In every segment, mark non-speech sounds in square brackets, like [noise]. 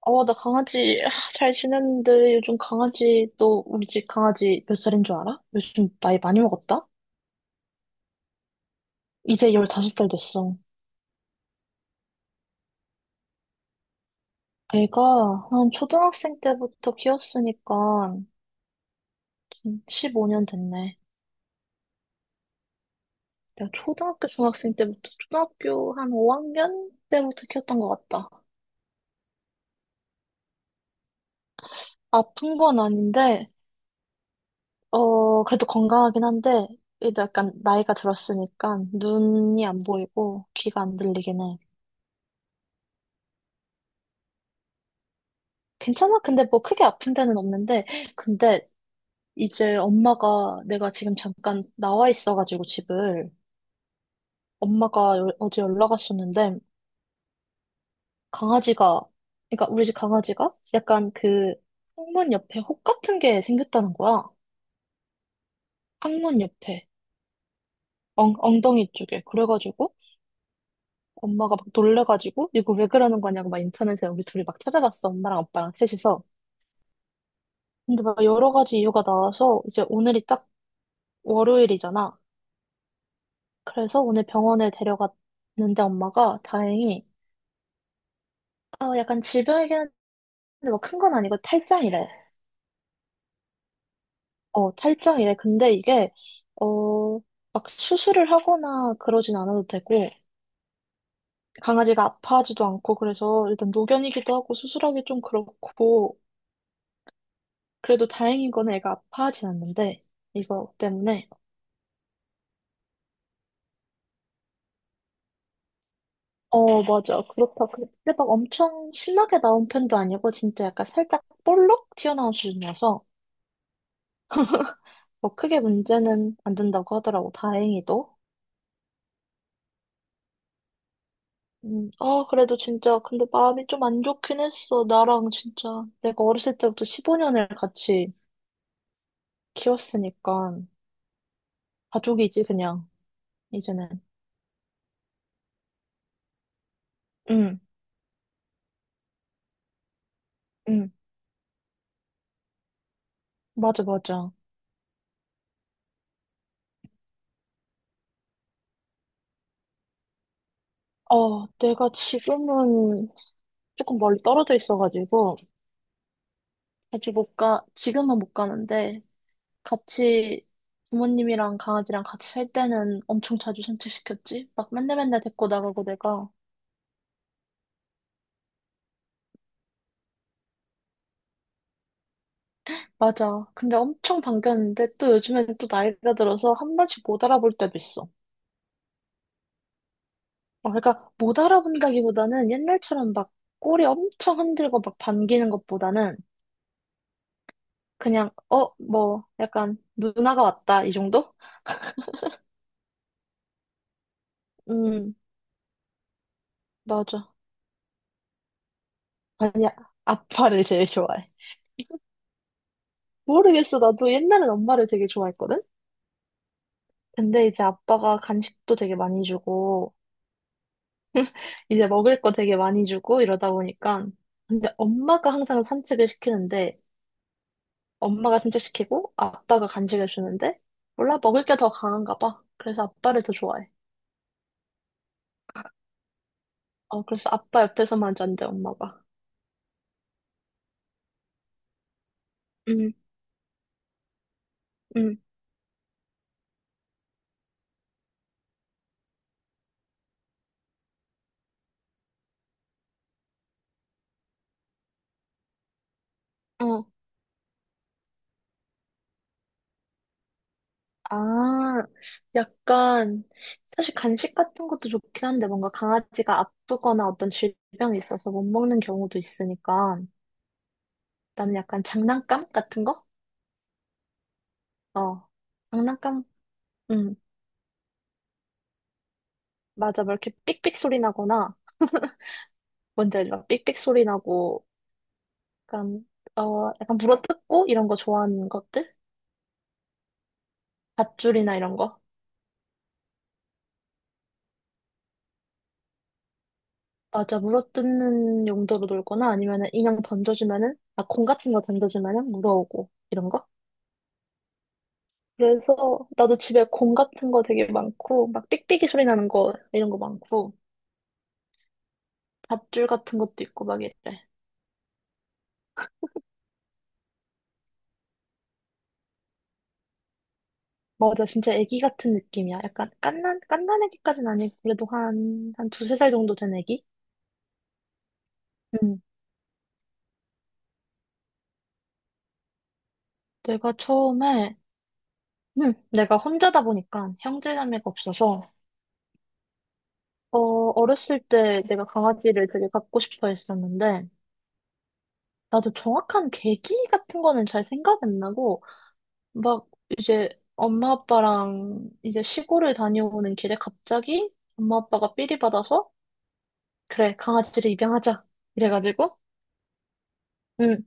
어, 나 강아지 아, 잘 지냈는데 요즘 강아지 또 우리 집 강아지 몇 살인 줄 알아? 요즘 나이 많이 먹었다? 이제 15살 됐어. 애가 한 초등학생 때부터 키웠으니까 지금 15년 됐네. 내가 초등학교 중학생 때부터 초등학교 한 5학년 때부터 키웠던 것 같다. 아픈 건 아닌데 그래도 건강하긴 한데 이제 약간 나이가 들었으니까 눈이 안 보이고 귀가 안 들리긴 해. 괜찮아? 근데 뭐 크게 아픈 데는 없는데, 근데 이제 엄마가 내가 지금 잠깐 나와 있어가지고 집을 엄마가 어제 연락 왔었는데 강아지가, 그러니까 우리 집 강아지가 약간 그 항문 옆에 혹 같은 게 생겼다는 거야. 항문 옆에 엉덩이 쪽에 그래가지고 엄마가 막 놀래가지고 이거 왜 그러는 거냐고 막 인터넷에 우리 둘이 막 찾아봤어. 엄마랑 아빠랑 셋이서. 근데 막 여러 가지 이유가 나와서 이제 오늘이 딱 월요일이잖아. 그래서 오늘 병원에 데려갔는데 엄마가 다행히 아, 약간 질병이긴 한데 막 큰 건 아니고 탈장이래. 어, 탈장이래. 근데 이게 어, 막 수술을 하거나 그러진 않아도 되고 강아지가 아파하지도 않고 그래서 일단 노견이기도 하고 수술하기 좀 그렇고 그래도 다행인 거는 애가 아파하진 않는데 이거 때문에 어, 맞아. 그렇다. 근데 막 엄청 신나게 나온 편도 아니고 진짜 약간 살짝 볼록 튀어나온 수준이어서 뭐 크게 문제는 안 된다고 하더라고, 다행히도. 아, 그래도 진짜, 근데 마음이 좀 안 좋긴 했어. 나랑 진짜, 내가 어렸을 때부터 15년을 같이 키웠으니까, 가족이지, 그냥, 이제는. 응, 응, 맞아, 맞아. 어, 내가 지금은 조금 멀리 떨어져 있어가지고, 아직 못 가, 지금은 못 가는데, 같이 부모님이랑 강아지랑 같이 살 때는 엄청 자주 산책시켰지? 막 맨날 맨날 데리고 나가고 내가. 맞아. 근데 엄청 반겼는데 또 요즘에는 또 나이가 들어서 한 번씩 못 알아볼 때도 있어. 어, 그러니까 못 알아본다기보다는 옛날처럼 막 꼬리 엄청 흔들고 막 반기는 것보다는 그냥 뭐 약간 누나가 왔다 이 정도? 음, 맞아. 아니야. 아빠를 제일 좋아해. [laughs] 모르겠어. 나도 옛날엔 엄마를 되게 좋아했거든? 근데 이제 아빠가 간식도 되게 많이 주고, 이제 먹을 거 되게 많이 주고 이러다 보니까. 근데 엄마가 항상 산책을 시키는데, 엄마가 산책시키고 아빠가 간식을 주는데 몰라 먹을 게 더 강한가 봐. 그래서 아빠를 더 좋아해. 그래서 아빠 옆에서만 잔대 엄마가. 응, 응, 어. 아, 약간 사실 간식 같은 것도 좋긴 한데 뭔가 강아지가 아프거나 어떤 질병이 있어서 못 먹는 경우도 있으니까 나는 약간 장난감 같은 거? 어, 장난감? 응, 맞아. 막 이렇게 삑삑 소리 나거나 뭔지 알죠? 삑삑 소리 나고 약간, 약간 물어뜯고 이런 거 좋아하는 것들? 밧줄이나 이런 거? 맞아, 물어뜯는 용도로 놀거나 아니면은 인형 던져주면은, 아, 공 같은 거 던져주면은 물어오고, 이런 거? 그래서 나도 집에 공 같은 거 되게 많고, 막 삑삑이 소리 나는 거, 이런 거 많고, 밧줄 같은 것도 있고 막 이래. 맞아, 진짜 애기 같은 느낌이야. 약간 깐난 애기까지는 아니고, 그래도 한 두세 살 정도 된 애기? 음. 내가 처음에, 내가 혼자다 보니까 형제자매가 없어서 어, 어렸을 때 내가 강아지를 되게 갖고 싶어 했었는데, 나도 정확한 계기 같은 거는 잘 생각 안 나고, 막 이제 엄마 아빠랑 이제 시골을 다녀오는 길에 갑자기 엄마 아빠가 삘이 받아서, 그래, 강아지를 입양하자. 이래가지고, 응.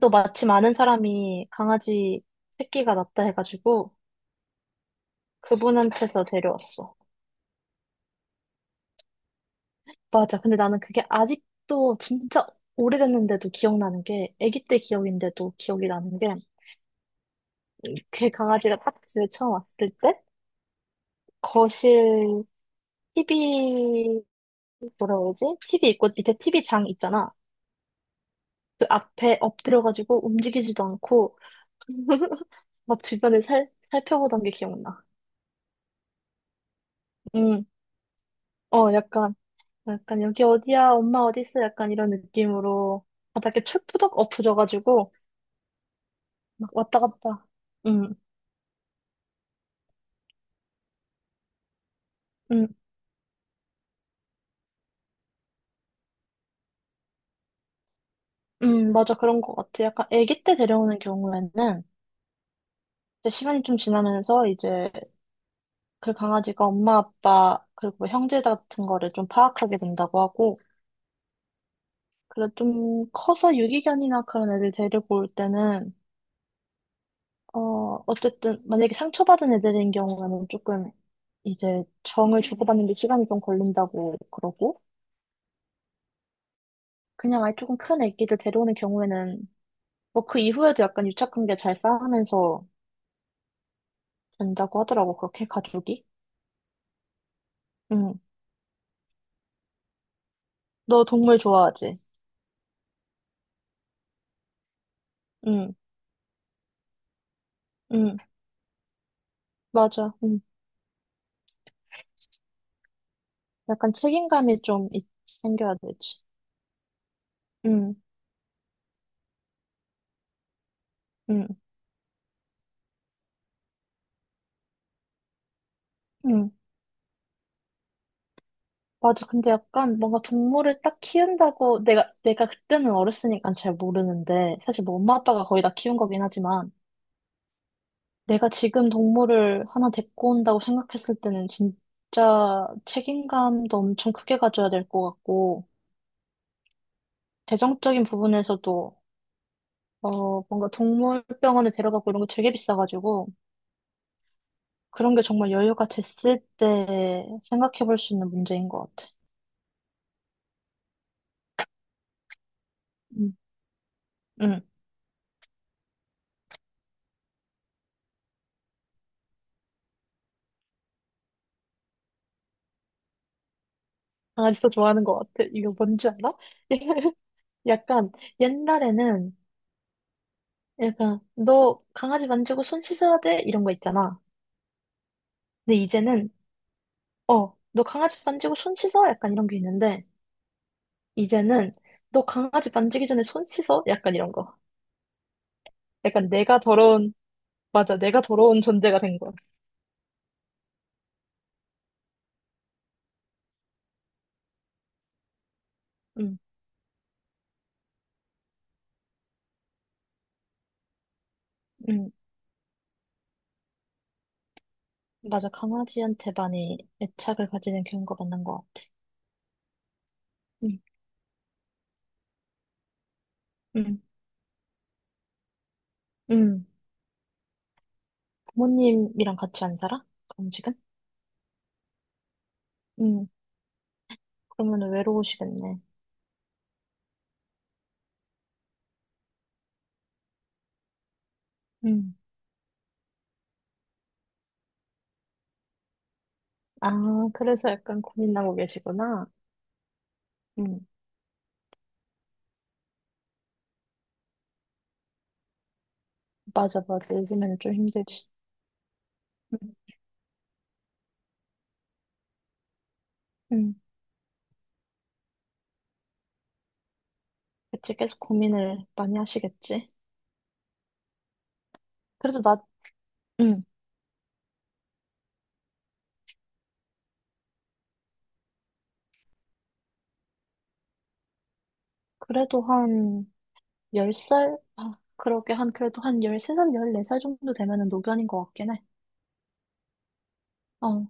또 마침 아는 사람이 강아지 새끼가 낳다 해가지고, 그분한테서 데려왔어. 맞아. 근데 나는 그게 아직도 진짜 오래됐는데도 기억나는 게, 아기 때 기억인데도 기억이 나는 게, 그 강아지가 딱 집에 처음 왔을 때 거실 TV 뭐라 그러지? TV 있고 밑에 TV 장 있잖아. 그 앞에 엎드려가지고 움직이지도 않고 [laughs] 막 주변을 살 살펴보던 게 기억나. 음, 어 약간 약간 여기 어디야? 엄마 어디 있어? 약간 이런 느낌으로 바닥에 철푸덕 엎어져가지고 막 왔다 갔다. 음, 음, 맞아 그런 것 같아. 약간 아기 때 데려오는 경우에는 이제 시간이 좀 지나면서 이제 그 강아지가 엄마, 아빠, 그리고 뭐 형제 같은 거를 좀 파악하게 된다고 하고, 그래 좀 커서 유기견이나 그런 애들 데리고 올 때는, 어쨌든 만약에 상처받은 애들인 경우에는 조금 이제 정을 주고받는데 시간이 좀 걸린다고 그러고, 그냥 아예 조금 큰 애기들 데려오는 경우에는 뭐 그 이후에도 약간 유착관계 잘 쌓으면서 된다고 하더라고, 그렇게 가족이. 응. 너 동물 좋아하지? 응, 응, 맞아. 응. 약간 책임감이 좀 생겨야 되지. 응, 응, 응. 맞아. 근데 약간 뭔가 동물을 딱 키운다고 내가 그때는 어렸으니까 잘 모르는데 사실 뭐 엄마 아빠가 거의 다 키운 거긴 하지만 내가 지금 동물을 하나 데리고 온다고 생각했을 때는 진짜 책임감도 엄청 크게 가져야 될 것 같고 재정적인 부분에서도 뭔가 동물병원에 데려가고 이런 거 되게 비싸가지고 그런 게 정말 여유가 됐을 때 생각해 볼 수 있는 문제인 것 같아. 응, 응. 아, 진짜 좋아하는 것 같아. 이거 뭔지 알아? [laughs] 약간 옛날에는 약간 너 강아지 만지고 손 씻어야 돼 이런 거 있잖아. 근데 이제는 너 강아지 만지고 손 씻어 약간 이런 게 있는데 이제는 너 강아지 만지기 전에 손 씻어 약간 이런 거. 약간 내가 더러운 맞아 내가 더러운 존재가 된 거야. 응, 응, 맞아 강아지한테 많이 애착을 가지는 경우가 많은 것 같아. 응, 응, 응. 부모님이랑 같이 안 살아? 그럼 지금? 응, 그러면 외로우시겠네. 음. 아, 그래서 약간 고민하고 계시구나. 음, 맞아, 맞아. 요즘에는 좀 힘들지. 음, 음. 그치, 계속 고민을 많이 하시겠지. 그래도 나, 음, 그래도 한 10살? 아, 그러게 한, 그래도 한 13살, 14살 정도 되면은 노견인 것 같긴 해. 어,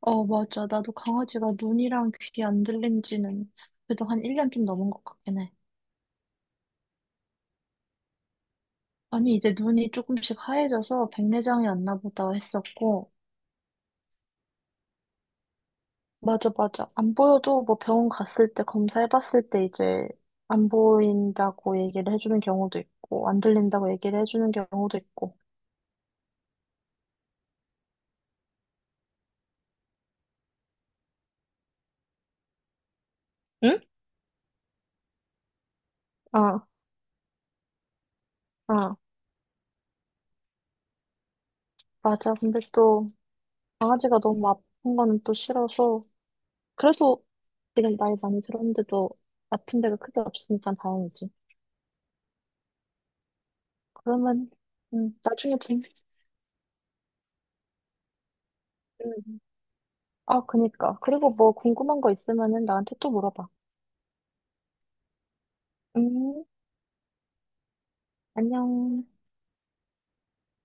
어, 맞아. 나도 강아지가 눈이랑 귀 안 들린 지는 그래도 한 1년 좀 넘은 것 같긴 해. 아니, 이제 눈이 조금씩 하얘져서 백내장이 왔나 보다 했었고, 맞아, 맞아. 안 보여도 뭐 병원 갔을 때 검사해봤을 때 이제 안 보인다고 얘기를 해주는 경우도 있고, 안 들린다고 얘기를 해주는 경우도 있고. 응? 아, 아, 맞아. 근데 또 강아지가 너무 아픈 거는 또 싫어서. 그래서 지금 나이 많이 들었는데도 아픈 데가 크게 없으니까 다행이지. 그러면, 나중에 좀, 음. 아, 그니까. 그리고 뭐 궁금한 거 있으면은 나한테 또 물어봐. 음, 안녕.